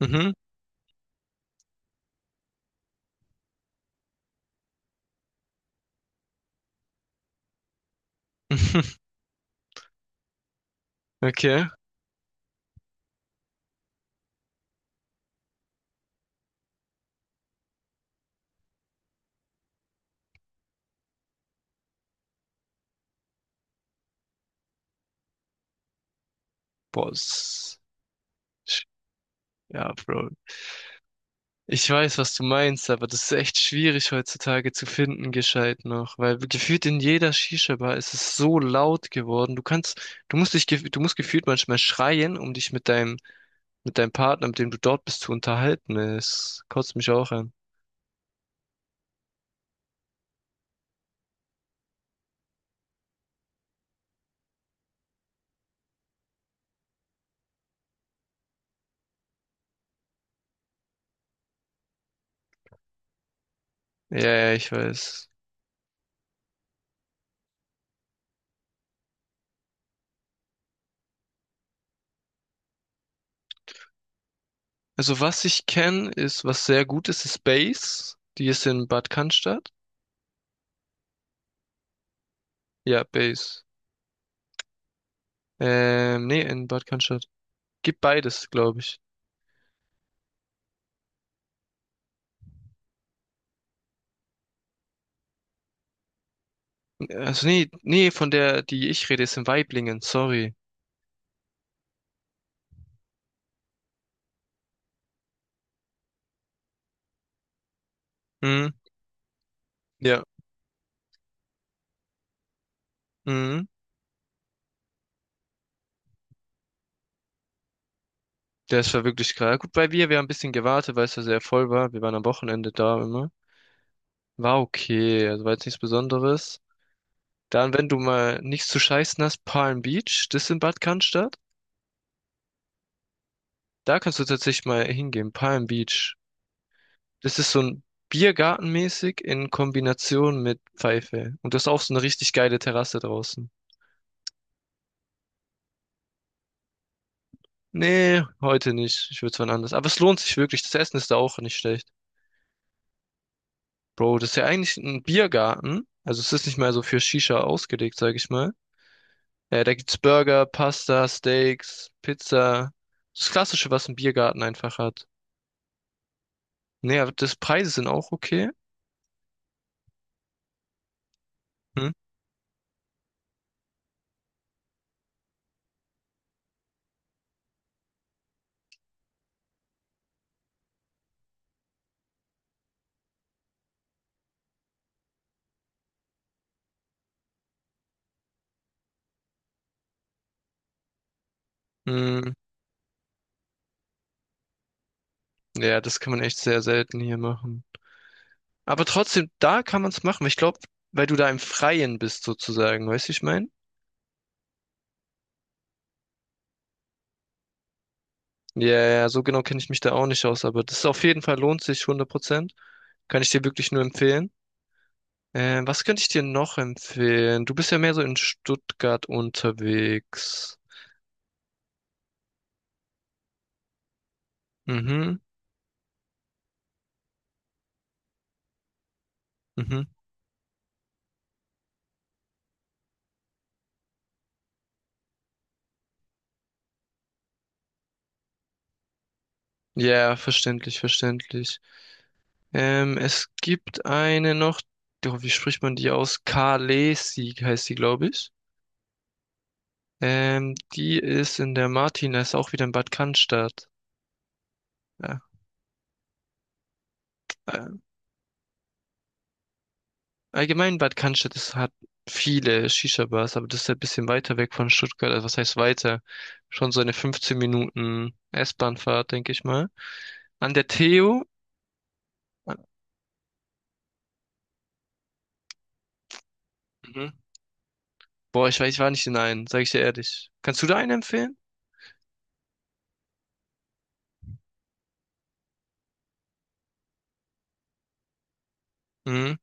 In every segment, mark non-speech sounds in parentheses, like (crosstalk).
Mhm. (laughs) Okay. Boah, ist- ja, Bro. Ich weiß, was du meinst, aber das ist echt schwierig heutzutage zu finden, gescheit noch, weil gefühlt in jeder Shisha-Bar ist es so laut geworden. Du musst gefühlt manchmal schreien, um dich mit deinem Partner, mit dem du dort bist, zu unterhalten. Es kotzt mich auch an. Ja, ja, ich weiß. Also was ich kenne, ist, was sehr gut ist, ist Base. Die ist in Bad Cannstatt. Ja, Base. Nee, in Bad Cannstatt. Gibt beides, glaube ich. Also nee, nee, von der, die ich rede, ist in Waiblingen, sorry. Mhm, ja, mhm. Der ist war wirklich krass. Ja, gut, wir haben ein bisschen gewartet, weil es ja sehr voll war. Wir waren am Wochenende da immer. War okay, also war jetzt nichts Besonderes. Dann, wenn du mal nichts zu scheißen hast, Palm Beach, das ist in Bad Cannstatt. Da kannst du tatsächlich mal hingehen, Palm Beach. Das ist so ein Biergartenmäßig in Kombination mit Pfeife. Und das ist auch so eine richtig geile Terrasse draußen. Nee, heute nicht. Ich würde es wann anders. Aber es lohnt sich wirklich. Das Essen ist da auch nicht schlecht. Bro, das ist ja eigentlich ein Biergarten. Also es ist nicht mehr so für Shisha ausgelegt, sag ich mal. Da gibt's Burger, Pasta, Steaks, Pizza. Das Klassische, was ein Biergarten einfach hat. Nee, aber das Preise sind auch okay. Hm? Hm. Ja, das kann man echt sehr selten hier machen. Aber trotzdem, da kann man es machen. Ich glaube, weil du da im Freien bist sozusagen. Weißt du, wie ich mein? Ja, ja, so genau kenne ich mich da auch nicht aus, aber das ist auf jeden Fall lohnt sich 100%. Kann ich dir wirklich nur empfehlen. Was könnte ich dir noch empfehlen? Du bist ja mehr so in Stuttgart unterwegs. Mhm, mhm. Ja, verständlich, verständlich. Es gibt eine noch, doch, wie spricht man die aus? Kalesi heißt die, glaube ich. Die ist in der Martina, ist auch wieder in Bad Cannstatt. Ja. äh, Allgemein Bad Cannstatt hat viele Shisha-Bars, aber das ist halt ein bisschen weiter weg von Stuttgart. Also was heißt weiter? Schon so eine 15 Minuten S-Bahn-Fahrt, denke ich mal. An der Theo. Mhm. Boah, ich weiß, ich war nicht in einen, sage ich dir ehrlich. Kannst du da einen empfehlen? Mhm.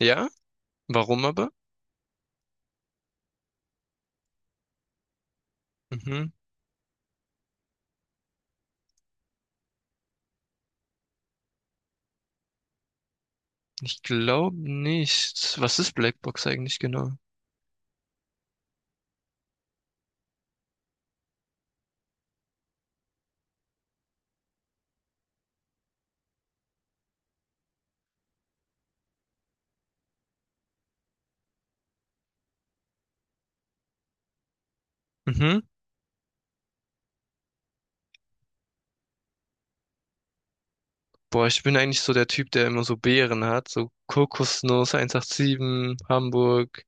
Ja? Warum aber? Mhm. Ich glaube nicht. Was ist Blackbox eigentlich genau? Mhm. Boah, ich bin eigentlich so der Typ, der immer so Beeren hat, so Kokosnuss 187, Hamburg.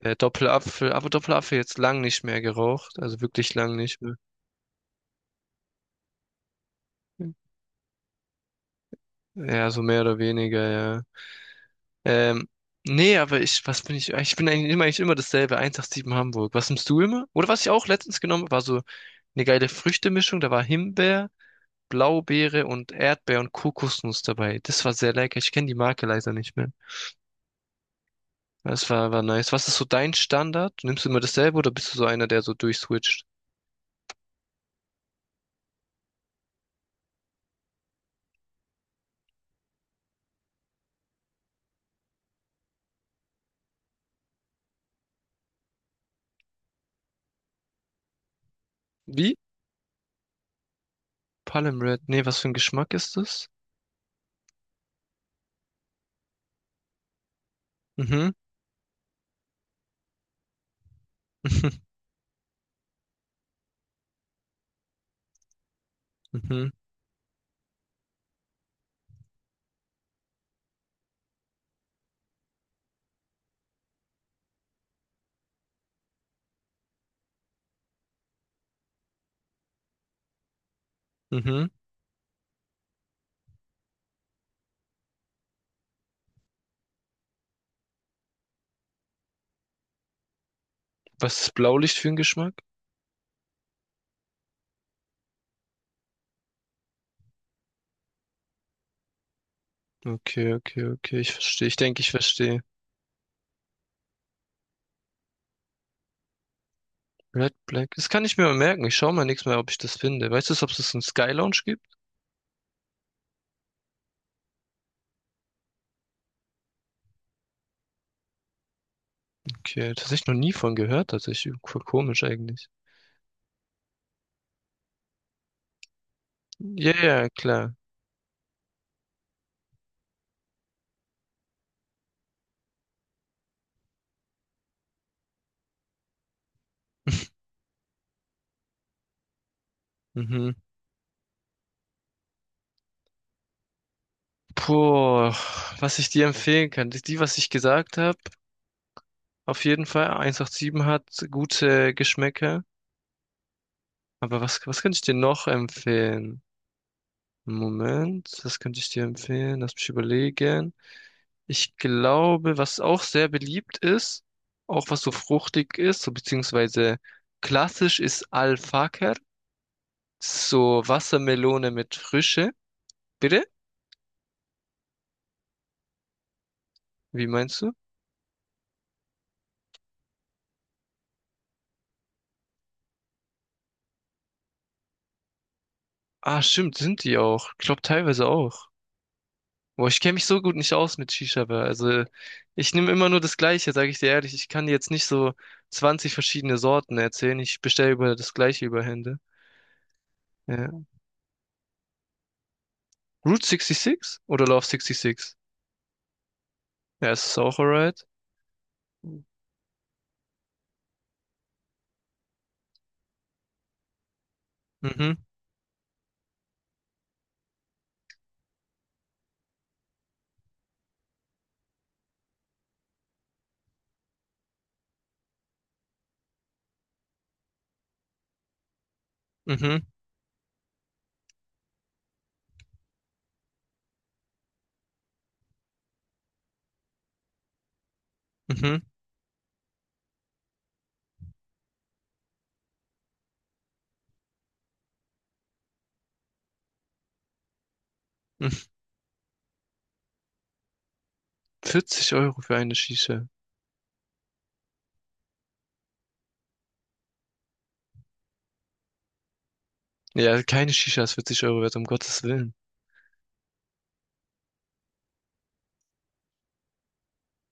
Doppelapfel, aber Doppelapfel jetzt lang nicht mehr geraucht, also wirklich lang nicht mehr. Ja, so mehr oder weniger, ja. Ähm, Nee, aber ich, was bin ich? Ich bin eigentlich immer dasselbe, 187 Hamburg. Was nimmst du immer? Oder was ich auch letztens genommen habe, war so eine geile Früchtemischung. Da war Himbeer, Blaubeere und Erdbeer und Kokosnuss dabei. Das war sehr lecker. Ich kenne die Marke leider nicht mehr. Das war nice. Was ist so dein Standard? Nimmst du immer dasselbe oder bist du so einer, der so durchswitcht? Wie? Palm Red. Nee, was für ein Geschmack ist das? Mhm. (laughs) Mhm, mhm. Was ist Blaulicht für ein Geschmack? Okay, okay, okay, ich verstehe. Ich denke, ich verstehe. Red Black. Das kann ich mir mal merken. Ich schaue mal nächstes Mal, ob ich das finde. Weißt du, ob es einen Sky Lounge gibt? Okay, tatsächlich noch nie von gehört, tatsächlich. Voll komisch eigentlich. Ja, ja, klar. Mhm. Puh, was ich dir empfehlen kann. Was ich gesagt habe, auf jeden Fall. 187 hat gute Geschmäcker. Aber was könnte ich dir noch empfehlen? Moment, was könnte ich dir empfehlen? Lass mich überlegen. Ich glaube, was auch sehr beliebt ist, auch was so fruchtig ist, so beziehungsweise klassisch ist Al-Fakr. Das ist so Wassermelone mit Frische. Bitte? Wie meinst du? Ah, stimmt, sind die auch. Ich glaube teilweise auch. Boah, ich kenne mich so gut nicht aus mit Shisha, Bar. Also ich nehme immer nur das Gleiche, sage ich dir ehrlich. Ich kann dir jetzt nicht so 20 verschiedene Sorten erzählen. Ich bestelle über das Gleiche über Hände. Ja. Route 66 oder Love 66? Ja, es ist auch alright? Mhm, mhm. Mhm. Mhm. 40 € für eine Shisha. Ja, keine Shisha ist 40 € wert, um Gottes Willen.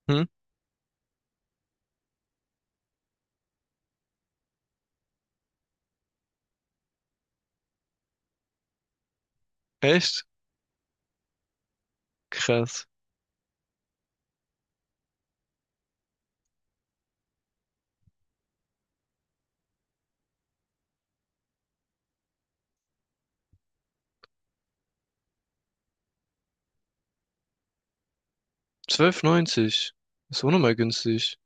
Hm? Echt? Krass. 12,90. Ist auch nochmal günstig.